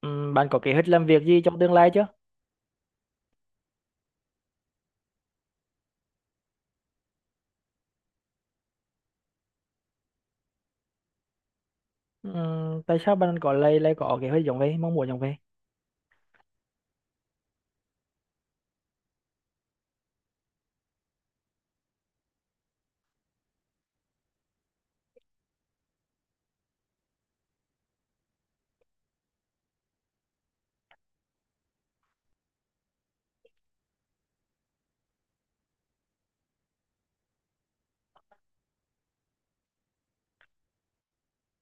Bạn có kế hoạch làm việc gì trong tương lai chưa? Tại sao bạn có lại lại có kế hoạch giống vậy, mong muốn giống vậy?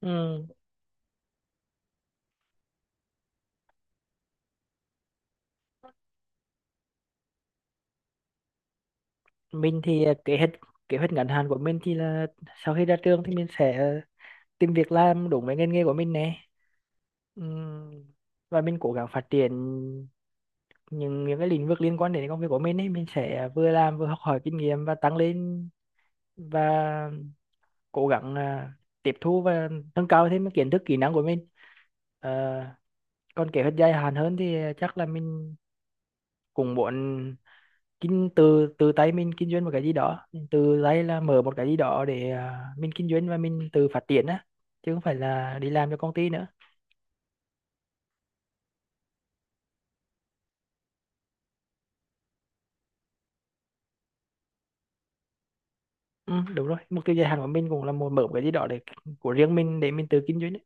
Ừm, mình thì kế hoạch ngắn hạn của mình thì là sau khi ra trường thì mình sẽ tìm việc làm đúng với ngành nghề của mình nè. Ừm, và mình cố gắng phát triển những cái lĩnh vực liên quan đến công việc của mình ấy, mình sẽ vừa làm vừa học hỏi kinh nghiệm và tăng lên và cố gắng tiếp thu và nâng cao thêm cái kiến thức kỹ năng của mình. Ờ, còn kế hoạch dài hạn hơn thì chắc là mình cũng muốn kinh từ từ tay mình kinh doanh một cái gì đó từ tay, là mở một cái gì đó để mình kinh doanh và mình tự phát triển á, chứ không phải là đi làm cho công ty nữa. Ừ, đúng rồi, mục tiêu dài hạn của mình cũng là muốn mở một cái gì đó để của riêng mình để mình tự kinh doanh ấy.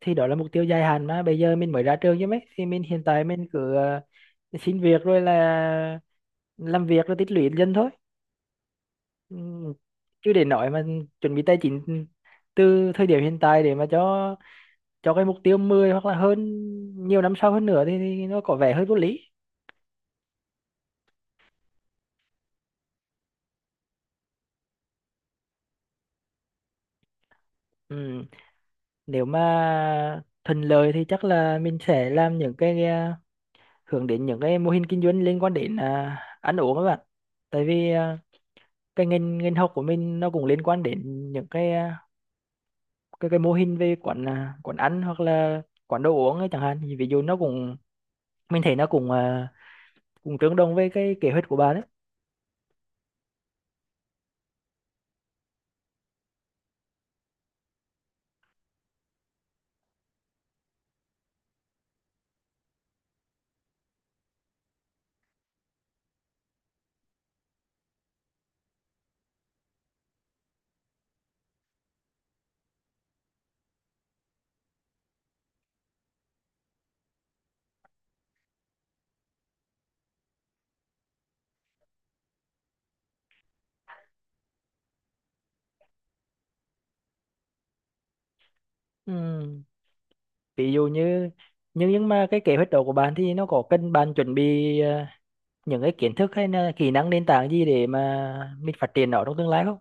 Thì đó là mục tiêu dài hạn mà bây giờ mình mới ra trường chứ mấy, thì hiện tại mình cứ xin việc rồi là làm việc rồi tích lũy dần thôi. Ừ, chứ để nói mà chuẩn bị tài chính từ thời điểm hiện tại để mà cho cái mục tiêu 10 hoặc là hơn nhiều năm sau hơn nữa thì nó có vẻ hơi vô lý. Ừ. Nếu mà thuận lợi thì chắc là mình sẽ làm những cái hướng đến những cái mô hình kinh doanh liên quan đến ăn uống các bạn, tại vì cái ngành ngành học của mình nó cũng liên quan đến những cái cái mô hình về quán quán ăn hoặc là quán đồ uống ấy chẳng hạn. Thì ví dụ nó cũng, mình thấy nó cũng cũng tương đồng với cái kế hoạch của bạn đấy. Ừ. Ví dụ như, nhưng mà cái kế hoạch đó của bạn thì nó có cần bạn chuẩn bị những cái kiến thức hay là kỹ năng nền tảng gì để mà mình phát triển nó trong tương lai không?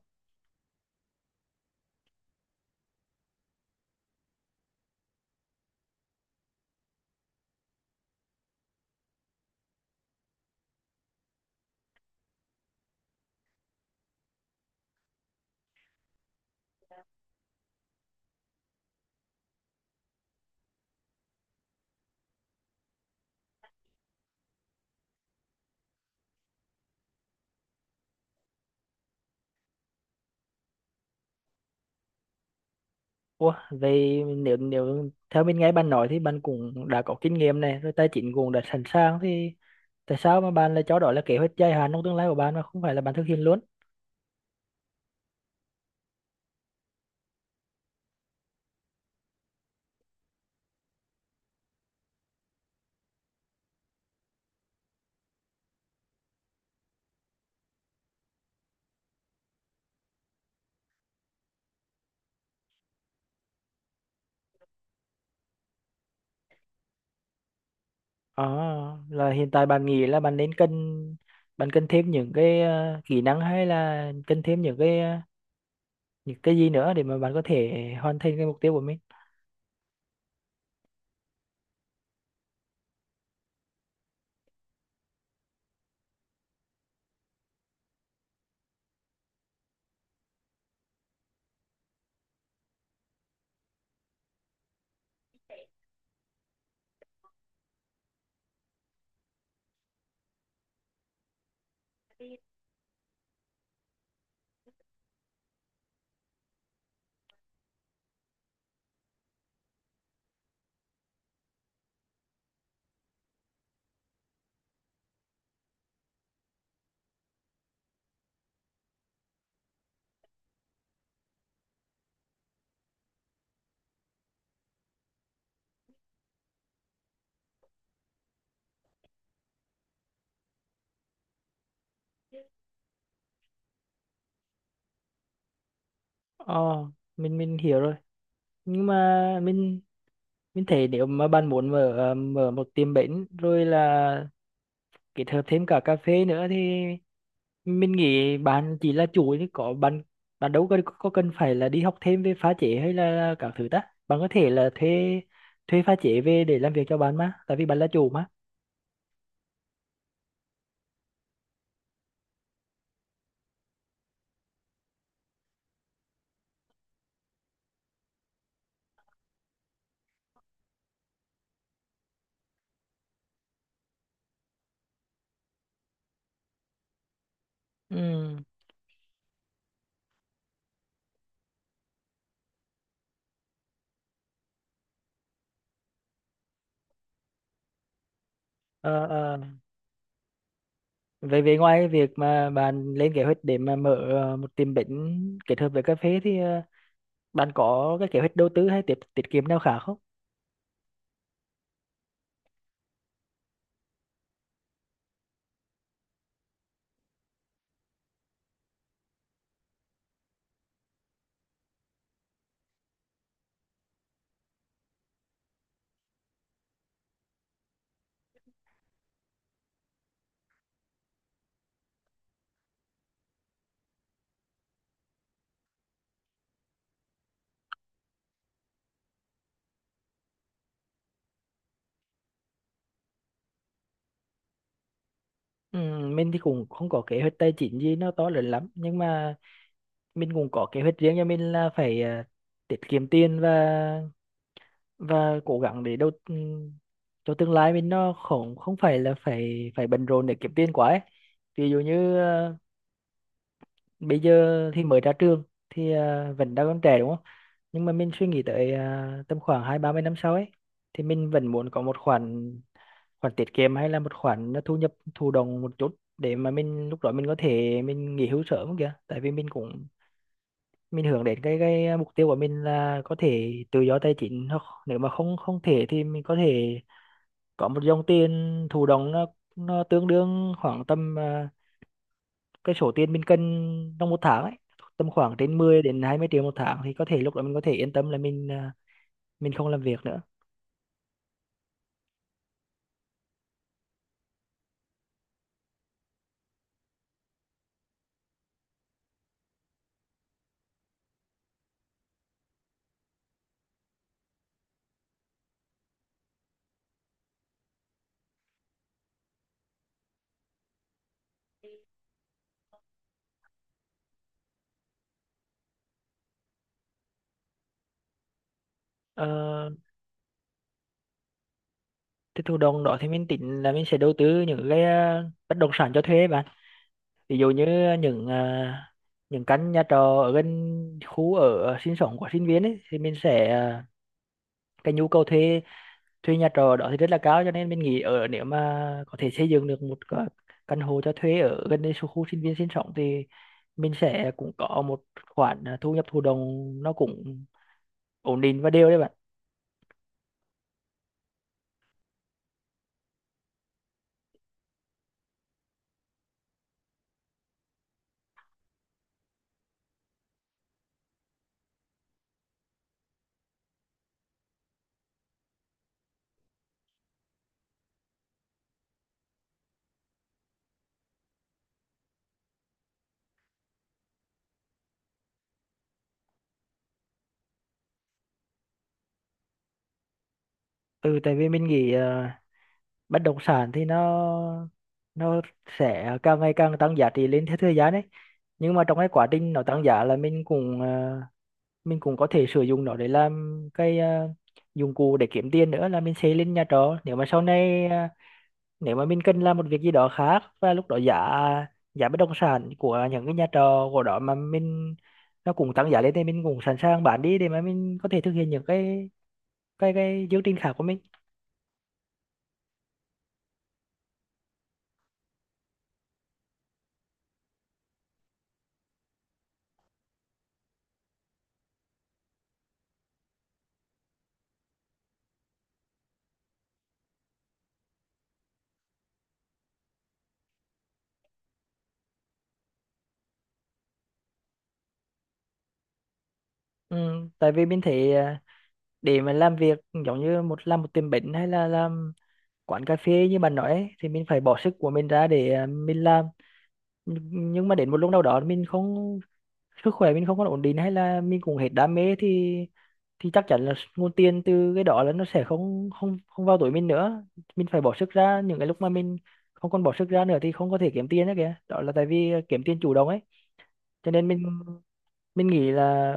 Ủa, vậy nếu nếu theo mình nghe bạn nói thì bạn cũng đã có kinh nghiệm này rồi, tài chính cũng đã sẵn sàng, thì tại sao mà bạn lại cho đó là kế hoạch dài hạn trong tương lai của bạn mà không phải là bạn thực hiện luôn? À, là hiện tại bạn nghĩ là bạn cần thêm những cái kỹ năng hay là cần thêm những cái những cái gì nữa để mà bạn có thể hoàn thành cái mục tiêu của mình? Ờ, mình hiểu rồi. Nhưng mà mình thấy nếu mà bạn muốn mở mở một tiệm bánh rồi là kết hợp thêm cả cà phê nữa thì mình nghĩ bạn chỉ là chủ, chứ có bạn bạn đâu có cần phải là đi học thêm về pha chế hay là các thứ ta. Bạn có thể là thuê thuê pha chế về để làm việc cho bạn mà, tại vì bạn là chủ mà. Ừ. Ờ, ờ. Về, về ngoài việc mà bạn lên kế hoạch để mà mở một tiệm bánh kết hợp với cà phê thì ờ, bạn có cái kế hoạch đầu tư hay tiết tiết kiệm nào khác không? Ừ, mình thì cũng không có kế hoạch tài chính gì nó to lớn lắm, nhưng mà mình cũng có kế hoạch riêng cho mình là phải tiết kiệm tiền và cố gắng để đầu cho tương lai mình nó không không phải là phải phải bận rộn để kiếm tiền quá ấy. Ví dụ như ờ, bây giờ thì mới ra trường thì vẫn đang còn trẻ đúng không, nhưng mà mình suy nghĩ tới tầm khoảng hai ba mươi năm sau ấy, thì mình vẫn muốn có một khoản, khoản tiết kiệm hay là một khoản thu nhập thụ động một chút để mà mình lúc đó mình có thể mình nghỉ hưu sớm kìa, tại vì mình cũng mình hướng đến cái mục tiêu của mình là có thể tự do tài chính, hoặc nếu mà không không thể thì mình có thể có một dòng tiền thụ động, nó tương đương khoảng tầm cái số tiền mình cần trong một tháng ấy, tầm khoảng trên 10 đến 20 triệu một tháng thì có thể lúc đó mình có thể yên tâm là mình mình không làm việc nữa. Ờ, cái thụ động đó thì mình tính là mình sẽ đầu tư những cái bất động sản cho thuê bạn, ví dụ như những những căn nhà trọ ở gần khu ở sinh sống của sinh viên ấy, thì mình sẽ cái nhu cầu thuê, thuê nhà trọ đó thì rất là cao, cho nên mình nghĩ ở nếu mà có thể xây dựng được một cái căn hộ cho thuê ở gần đây số khu sinh viên sinh sống thì mình sẽ cũng có một khoản thu nhập thụ động, nó cũng ổn định và đều đấy bạn. Ừ, tại vì mình nghĩ bất động sản thì nó sẽ càng ngày càng tăng giá trị lên theo thời gian đấy, nhưng mà trong cái quá trình nó tăng giá là mình cũng mình cũng có thể sử dụng nó để làm cái dụng cụ để kiếm tiền nữa, là mình xây lên nhà trọ. Nếu mà sau này nếu mà mình cần làm một việc gì đó khác và lúc đó giá giá bất động sản của những cái nhà trọ của đó mà mình, nó cũng tăng giá lên, thì mình cũng sẵn sàng bán đi để mà mình có thể thực hiện những cái cái chương trình khác của mình. Ừ, tại vì mình thấy để mà làm việc giống như một làm một tiệm bánh hay là làm quán cà phê như bạn nói ấy, thì mình phải bỏ sức của mình ra để mình làm, nhưng mà đến một lúc nào đó mình không, sức khỏe mình không còn ổn định hay là mình cũng hết đam mê thì chắc chắn là nguồn tiền từ cái đó là nó sẽ không không không vào túi mình nữa, mình phải bỏ sức ra. Những cái lúc mà mình không còn bỏ sức ra nữa thì không có thể kiếm tiền nữa kìa, đó là tại vì kiếm tiền chủ động ấy, cho nên mình nghĩ là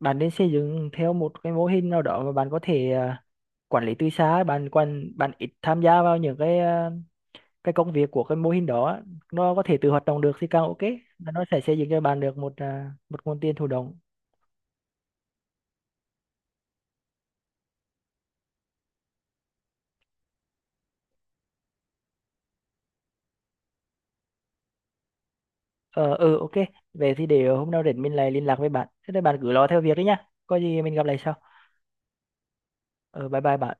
bạn nên xây dựng theo một cái mô hình nào đó mà bạn có thể quản lý từ xa, bạn ít tham gia vào những cái cái công việc của cái mô hình đó á. Nó có thể tự hoạt động được thì càng ok. Và nó sẽ xây dựng cho bạn được một một nguồn tiền thụ động. Ờ, ừ, ok. Về thì để hôm nào rảnh mình lại liên lạc với bạn. Thế thì bạn cứ lo theo việc đấy nhá. Có gì mình gặp lại sau. Ờ, bye bye bạn.